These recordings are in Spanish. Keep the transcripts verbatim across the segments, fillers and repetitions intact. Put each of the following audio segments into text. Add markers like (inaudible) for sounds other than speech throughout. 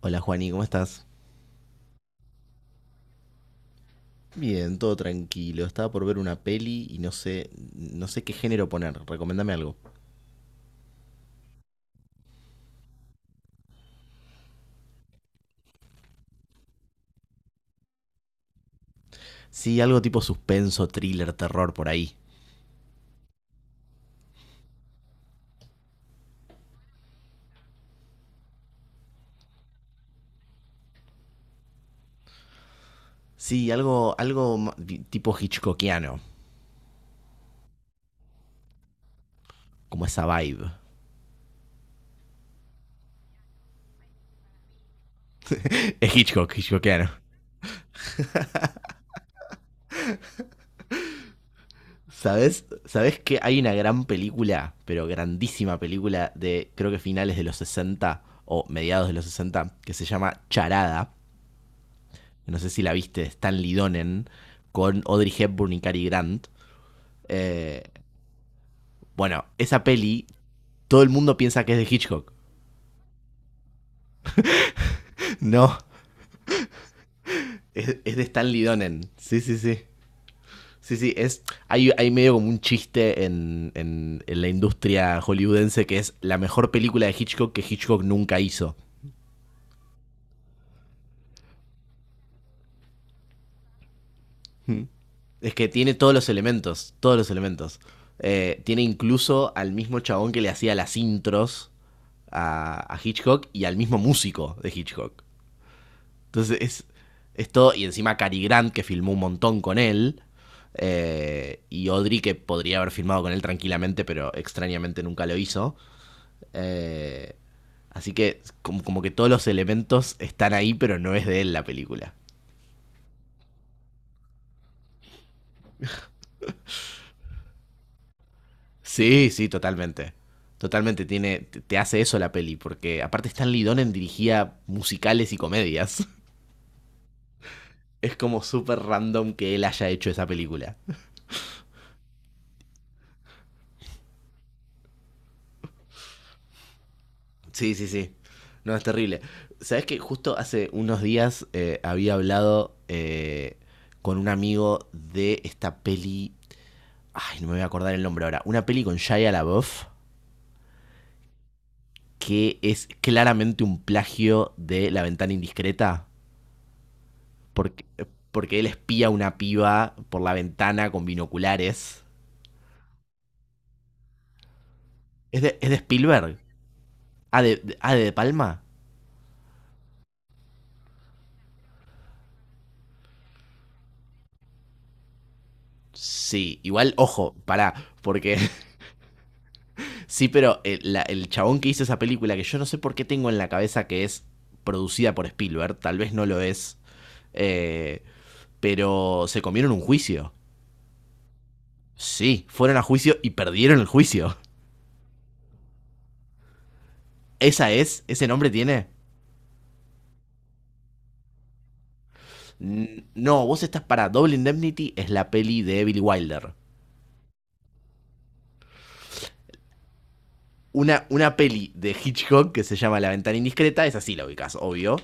Hola Juani, ¿cómo estás? Bien, todo tranquilo. Estaba por ver una peli y no sé, no sé qué género poner. Recomendame algo. Sí, algo tipo suspenso, thriller, terror por ahí. Sí, algo, algo ma- di- tipo hitchcockiano, como esa vibe. (laughs) Es Hitchcock, hitchcockiano. ¿Sabes? ¿Sabes que hay una gran película, pero grandísima película de creo que finales de los sesenta o mediados de los sesenta, que se llama Charada? No sé si la viste, de Stanley Donen con Audrey Hepburn y Cary Grant. Eh, bueno, esa peli, todo el mundo piensa que es de Hitchcock. No, es, es de Stanley Donen. Sí, sí, sí. Sí, sí, es, hay, hay medio como un chiste en, en- en la industria hollywoodense, que es la mejor película de Hitchcock que Hitchcock nunca hizo. Es que tiene todos los elementos, todos los elementos. Eh, tiene incluso al mismo chabón que le hacía las intros a, a Hitchcock y al mismo músico de Hitchcock. Entonces es, es todo. Y encima Cary Grant, que filmó un montón con él, eh, y Audrey, que podría haber filmado con él tranquilamente, pero extrañamente nunca lo hizo. Eh, Así que como, como que todos los elementos están ahí, pero no es de él la película. Sí, sí, totalmente. Totalmente tiene, te hace eso la peli, porque aparte Stanley Donen dirigía musicales y comedias. (laughs) Es como súper random que él haya hecho esa película. Sí, sí, sí. No, es terrible. ¿Sabes que justo hace unos días eh, había hablado eh, con un amigo de esta peli? Ay, no me voy a acordar el nombre ahora. Una peli con Shia LaBeouf que es claramente un plagio de La ventana indiscreta. Porque, porque él espía a una piba por la ventana con binoculares. ¿Es de, es de Spielberg? ¿Ah de, de- ah, de De Palma? Sí, igual, ojo, pará, porque sí, pero el, la- el chabón que hizo esa película, que yo no sé por qué tengo en la cabeza que es producida por Spielberg, tal vez no lo es, eh, pero se comieron un juicio. Sí, fueron a juicio y perdieron el juicio. ¿Esa es? ¿Ese nombre tiene? N- No, vos estás para Double Indemnity, es la peli de Billy Wilder. Una, una peli de Hitchcock que se llama La ventana indiscreta, es así la ubicás, obvio.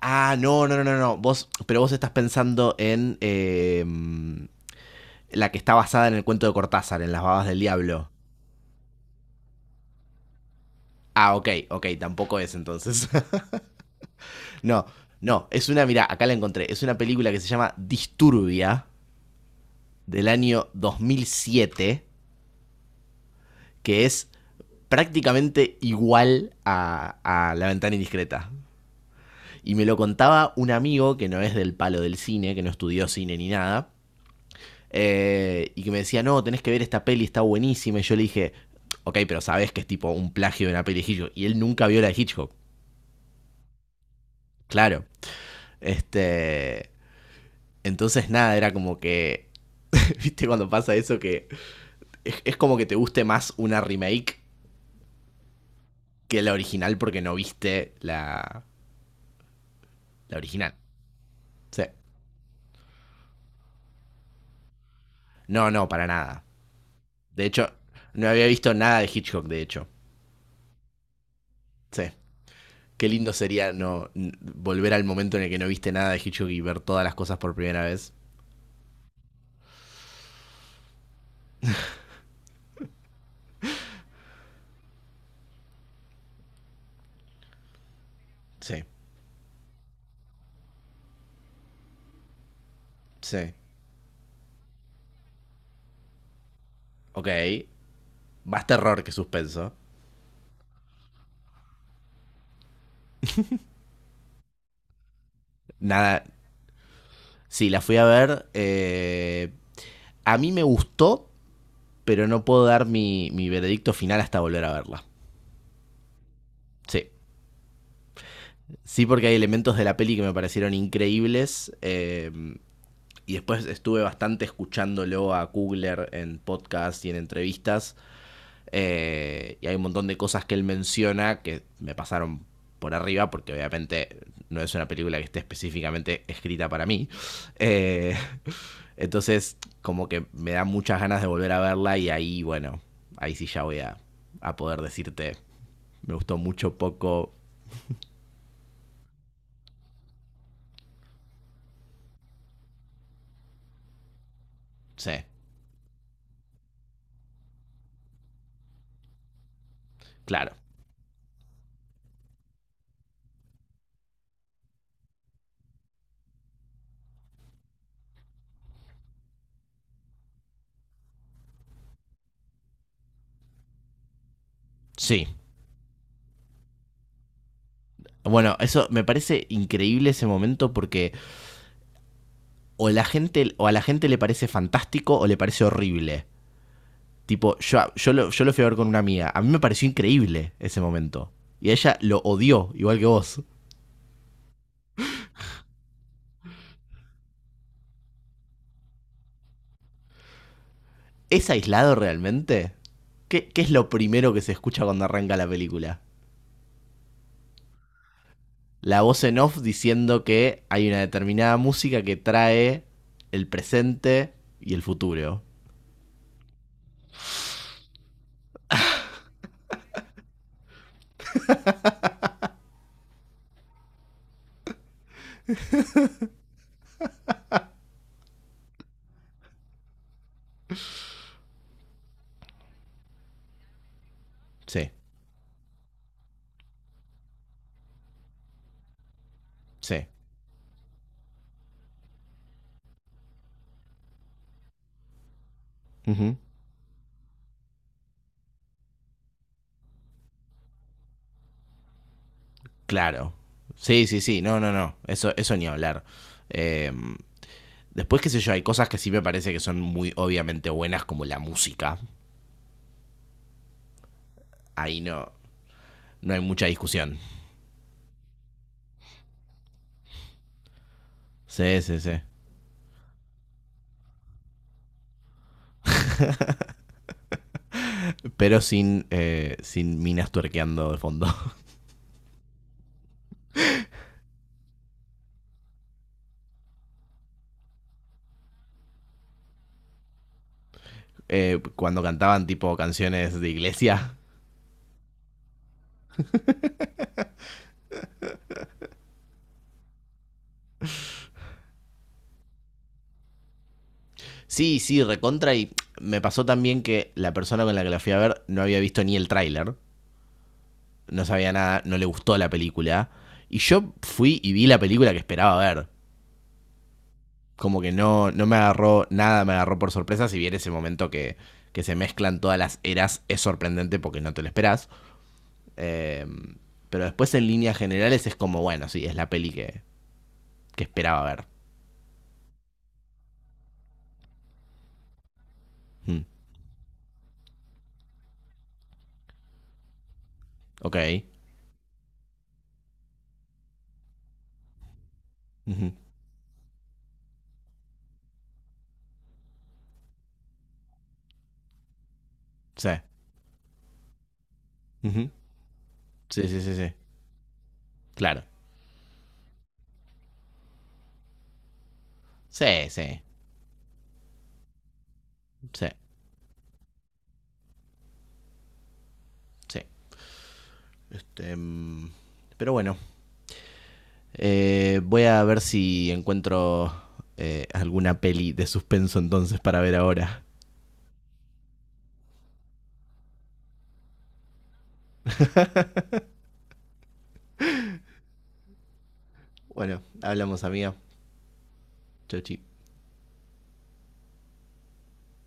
Ah, no, no, no, no, no. Vos, pero vos estás pensando en, em, la que está basada en el cuento de Cortázar, en las babas del diablo. Ah, ok, ok, tampoco es entonces. (laughs) No, no, es una, mira, acá la encontré. Es una película que se llama Disturbia, del año dos mil siete, que es prácticamente igual a, a La ventana indiscreta. Y me lo contaba un amigo que no es del palo del cine, que no estudió cine ni nada, eh, y que me decía, no, tenés que ver esta peli, está buenísima. Y yo le dije, ok, pero sabes que es tipo un plagio de una peli de Hitchcock. Y él nunca vio la de Hitchcock. Claro. Este. Entonces, nada, era como que. (laughs) ¿Viste cuando pasa eso? Que es, es como que te guste más una remake que la original porque no viste la, la original. Sí. No, no, para nada. De hecho, no había visto nada de Hitchcock, de hecho. Sí. Qué lindo sería no volver al momento en el que no viste nada de Hitchcock y ver todas las cosas por primera vez. Sí, sí. Ok. Más terror que suspenso. Nada. Sí, la fui a ver, eh, a mí me gustó, pero no puedo dar mi, mi veredicto final hasta volver a verla. Sí. Sí, porque hay elementos de la peli que me parecieron increíbles. Eh, y después estuve bastante escuchándolo a Kugler en podcast y en entrevistas. Eh, y hay un montón de cosas que él menciona que me pasaron por arriba, porque obviamente no es una película que esté específicamente escrita para mí. Eh, entonces, como que me da muchas ganas de volver a verla y ahí, bueno, ahí sí ya voy a, a poder decirte, me gustó mucho, poco, sé, claro, sí. Bueno, eso me parece increíble ese momento porque o la gente o a la gente le parece fantástico o le parece horrible. Tipo, yo, yo, lo, yo lo fui a ver con una amiga. A mí me pareció increíble ese momento. Y ella lo odió, igual que vos. ¿Es aislado realmente? ¿Qué, qué es lo primero que se escucha cuando arranca la película? La voz en off diciendo que hay una determinada música que trae el presente y el futuro. Sí, sí. Ujú. Claro. Sí, sí, sí. No, no, no. Eso, eso ni hablar. Eh, Después, qué sé yo, hay cosas que sí me parece que son muy obviamente buenas, como la música. Ahí no. No hay mucha discusión. Sí, sí, sí. Pero sin, eh, sin minas tuerqueando de fondo. (laughs) Eh, cuando cantaban tipo canciones de iglesia. Sí, sí, recontra. Y me pasó también que la persona con la que la fui a ver no había visto ni el tráiler. No sabía nada, no le gustó la película. Y yo fui y vi la película que esperaba ver. Como que no, no me agarró nada, me agarró por sorpresa. Si bien ese momento que, que se mezclan todas las eras es sorprendente porque no te lo esperás. Eh, pero después en líneas generales es como, bueno, sí, es la peli que, que esperaba ver. Mm, ok. Ujú. Sí. Ujú. Sí, sí, sí, sí. Claro. Sí, sí, sí, sí. Este, mm, pero bueno, eh, voy a ver si encuentro eh, alguna peli de suspenso entonces para ver ahora. Bueno, hablamos, amiga. Chau, chi.